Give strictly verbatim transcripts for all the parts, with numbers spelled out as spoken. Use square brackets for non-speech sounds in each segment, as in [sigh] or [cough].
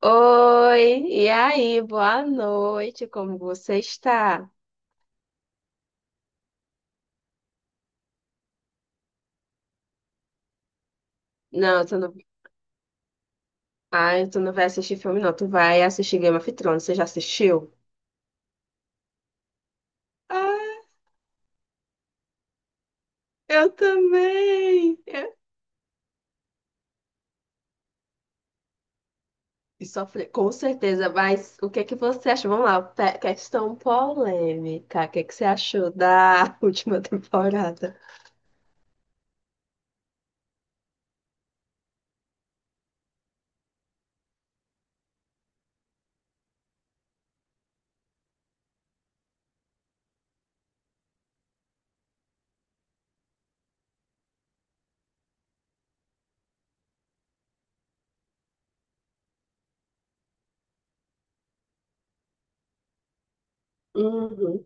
Oi, e aí? Boa noite, como você está? Não, tu não... Ai, tu não vai assistir filme, não. Tu vai assistir Game of Thrones. Você já assistiu? Ah, eu também. Eu... E sofre, com certeza, mas o que é que você achou? Vamos lá, pe- questão polêmica. O que é que você achou da [laughs] última temporada? Uhum.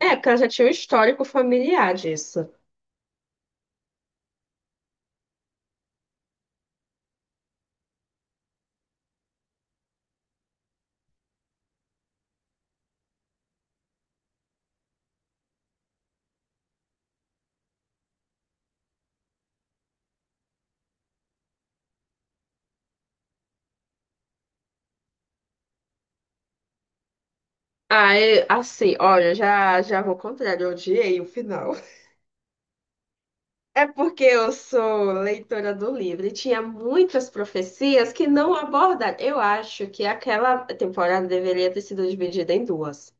É, porque ela já tinha um histórico familiar disso. Ah, eu- assim, olha, já, já vou ao contrário, eu odiei o final. É porque eu sou leitora do livro e tinha muitas profecias que não abordaram. Eu acho que aquela temporada deveria ter sido dividida em duas.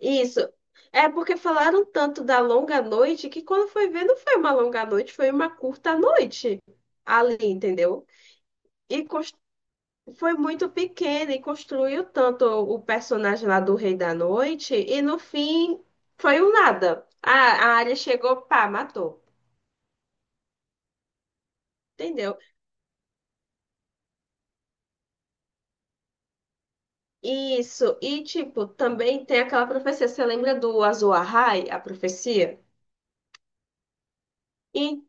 Isso. É porque falaram tanto da longa noite que quando foi ver, não foi uma longa noite, foi uma curta noite ali, entendeu? E cons- Foi muito pequena e construiu tanto o personagem lá do Rei da Noite e no fim foi um nada. A, a Arya chegou, pá, matou. Entendeu? Isso, e tipo, também tem aquela profecia, você lembra do Azul Ahai, a profecia? E-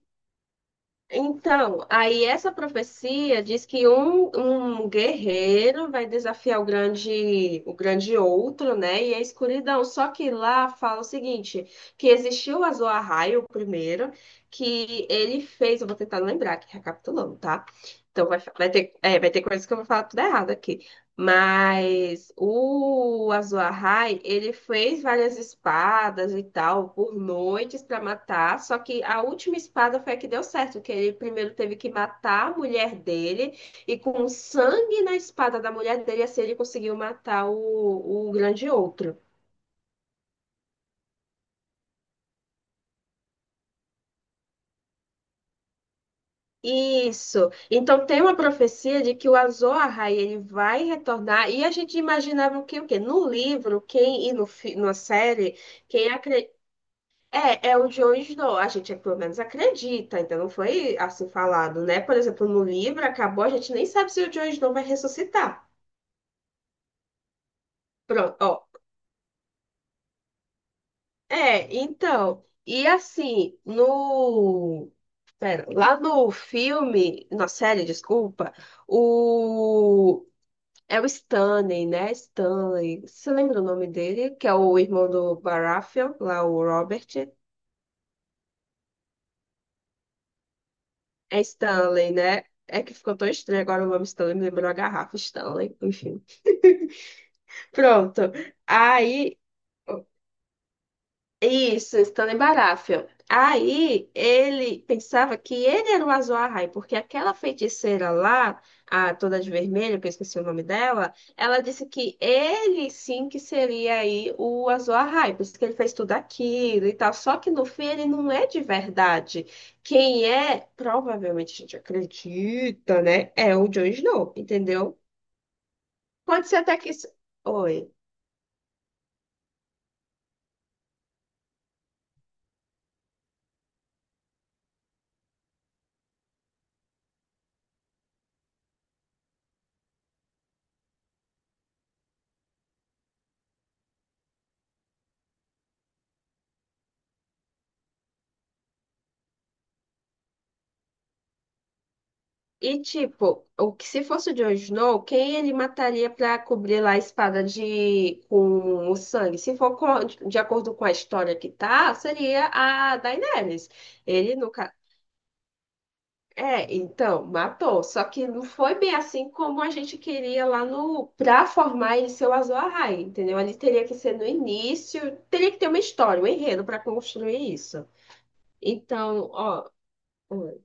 então, aí essa profecia diz que um, um guerreiro vai desafiar o grande, o grande outro, né? E a escuridão. Só que lá fala o seguinte, que existiu o Azul Ahai, o primeiro, que ele fez, eu vou tentar lembrar aqui, recapitulando, tá? Então vai, vai ter, é, vai ter coisas que eu vou falar tudo errado aqui. Mas o Azuahai, ele fez várias espadas e tal por noites para matar, só que a última espada foi a que deu certo, que ele primeiro teve que matar a mulher dele e com o sangue na espada da mulher dele assim ele conseguiu matar o, o grande outro. Isso. Então tem uma profecia de que o Azoahai ele vai retornar e a gente imaginava que o quê? No livro, quem e no, fi- na série, quem é, é o Joe Snow. A gente, pelo menos, acredita. Então, não foi assim falado, né? Por exemplo, no livro acabou, a gente nem sabe se o Joe Snow vai ressuscitar. Pronto, ó. É, então. E assim, no. Pera, lá no filme, na série, desculpa, o. É o Stanley, né? Stanley. Você lembra o nome dele? Que é o irmão do Baratheon, lá o Robert. É Stanley, né? É que ficou tão estranho agora o nome Stanley, me lembrou a garrafa Stanley, enfim. [laughs] Pronto. Aí. Isso, estando em Baratheon. Aí ele pensava que ele era o Azor porque aquela feiticeira lá, a toda de vermelho, que eu esqueci o nome dela, ela disse que ele sim que seria aí o Azor Ahai, por isso que ele fez tudo aquilo e tal. Só que no fim ele não é de verdade. Quem é, provavelmente a gente acredita, né? É o Jon Snow, entendeu? Pode ser até que. Oi. E tipo, o que se fosse o Jon Snow, quem ele mataria pra cobrir lá a espada de com o sangue? Se for com- De acordo com a história que tá, seria a Daenerys. Ele nunca é, então, matou. Só que não foi bem assim como a gente queria lá no pra formar ele ser o Azor Ahai, entendeu? Ele teria que ser no início, teria que ter uma história, um enredo pra construir isso. Então, ó, hum.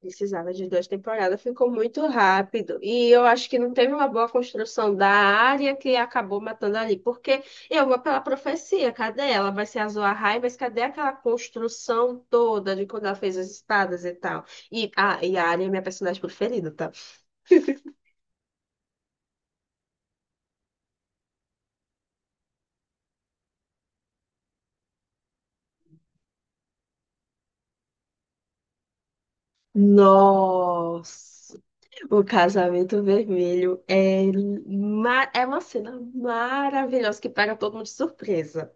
Precisava de duas temporadas, ficou muito rápido. E eu acho que não teve uma boa construção da área que acabou matando ali. Porque eu vou pela profecia, cadê ela? Vai ser a Zoahai, mas cadê aquela construção toda de quando ela fez as espadas e tal? E, ah, e a Arya é minha personagem preferida, tá? Nossa! O casamento vermelho é, ma- é uma cena maravilhosa que pega todo mundo de surpresa.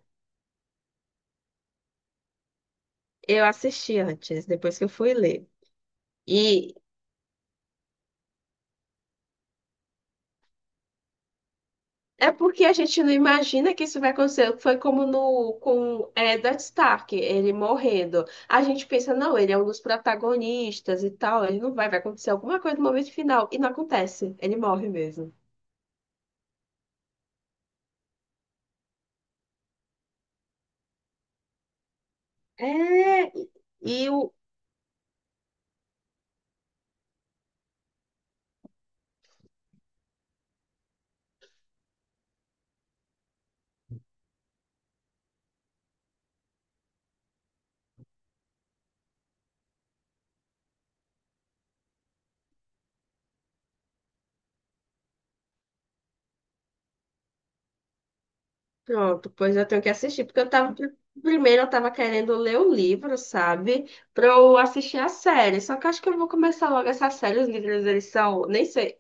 Eu assisti antes, depois que eu fui ler. E, é porque a gente não imagina que isso vai acontecer. Foi como no com Eddard Stark, ele morrendo. A gente pensa, não, ele é um dos protagonistas e tal, ele não vai, vai acontecer alguma coisa no momento final. E não acontece, ele morre mesmo. É, e e o. Pronto, pois eu tenho que assistir, porque eu tava. Primeiro eu tava querendo ler o livro, sabe? Pra eu assistir a série. Só que eu acho que eu vou começar logo essa série. Os livros, eles são. Nem sei.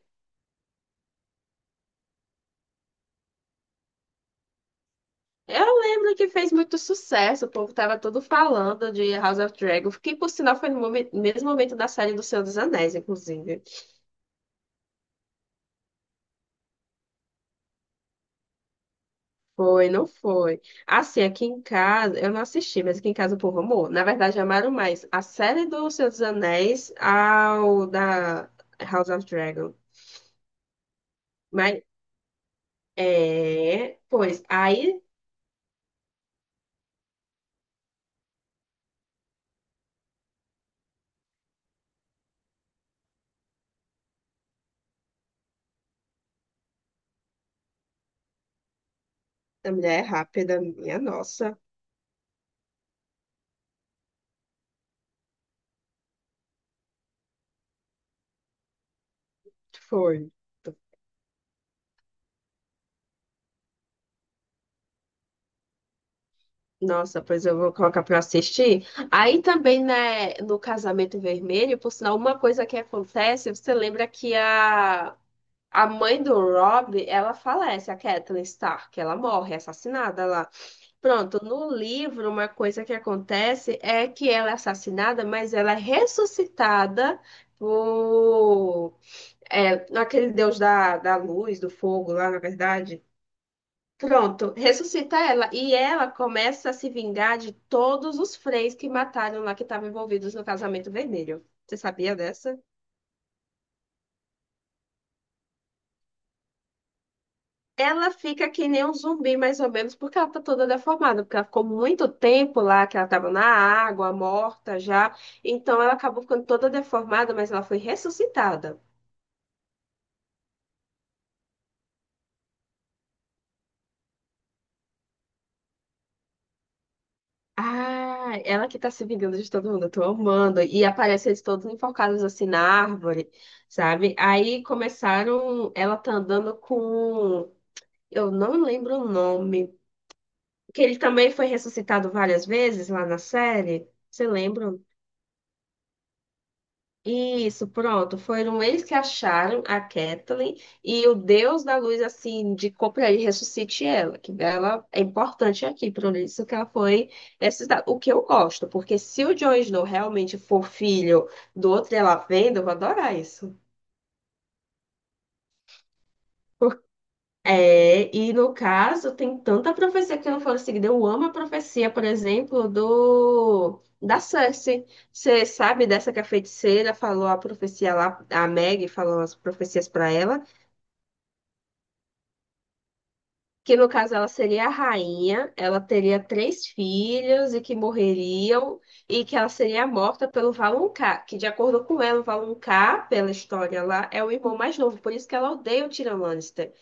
Eu lembro que fez muito sucesso, o povo tava todo falando de House of Dragon, que por sinal foi no momen- mesmo momento da série do Senhor dos Anéis, inclusive. Foi, não foi. Assim, aqui em casa, eu não assisti, mas aqui em casa o povo amou. Na verdade, amaram mais a série do Senhor dos Anéis ao da House of Dragon. Mas, é, pois, aí, a mulher é rápida, minha nossa, foi. Nossa, pois eu vou colocar pra assistir. Aí também, né, no Casamento Vermelho, por sinal, uma coisa que acontece, você lembra que a, a mãe do Rob, ela falece, a Catelyn Stark, ela morre, é assassinada lá. Pronto, no livro, uma coisa que acontece é que ela é assassinada, mas ela é ressuscitada por... É, aquele deus da, da luz, do fogo lá, na verdade. Pronto, ressuscita ela e ela começa a se vingar de todos os freis que mataram lá que estavam envolvidos no casamento vermelho. Você sabia dessa? Ela fica que nem um zumbi, mais ou menos, porque ela tá toda deformada, porque ela ficou muito tempo lá, que ela tava na água, morta já. Então ela acabou ficando toda deformada, mas ela foi ressuscitada. Ah, ela que tá se vingando de todo mundo, eu tô amando. E aparece eles todos enforcados assim na árvore, sabe? Aí começaram, ela tá andando com, eu não lembro o nome, que ele também foi ressuscitado várias vezes lá na série. Você lembra? Isso, pronto. Foram eles que acharam a Kathleen e o Deus da Luz, assim, indicou para ele ressuscite ela, que ela é importante aqui, por isso que ela foi ressuscitada. O que eu gosto, porque se o Jon Snow realmente for filho do outro, ela vendo, eu vou adorar isso. É, e no caso, tem tanta profecia que não foram seguidas. Eu amo a profecia, por exemplo, do da Cersei. Você sabe dessa que a feiticeira falou a profecia lá, a Meg falou as profecias para ela, que no caso ela seria a rainha, ela teria três filhos e que morreriam, e que ela seria morta pelo Valonqar, que de acordo com ela, o Valonqar, pela história lá, é o irmão mais novo, por isso que ela odeia o Tyrion Lannister.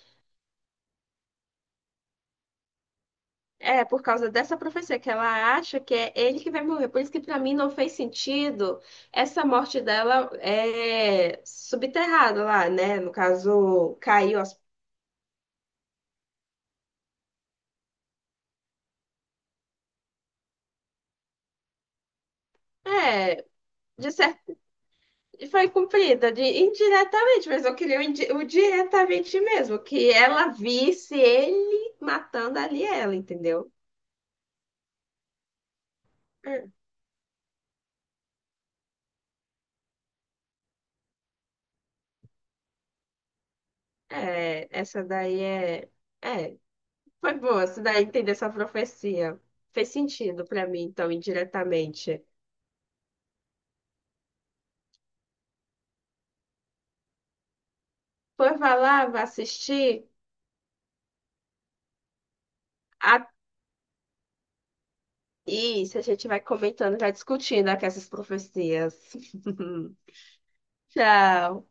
É, por causa dessa profecia, que ela acha que é ele que vai morrer. Por isso que para mim não fez sentido essa morte dela é subterrada lá, né? No caso, caiu as... É, de certo, foi cumprida de indiretamente, mas eu queria o, indi- o diretamente mesmo, que ela visse ele matando ali ela, entendeu? É, é, essa daí é... É, foi boa, essa daí entender essa profecia. Fez sentido para mim, então, indiretamente. Foi, vai lá, vai assistir. A... Isso, a gente vai comentando, vai discutindo aqui essas profecias. [laughs] Tchau.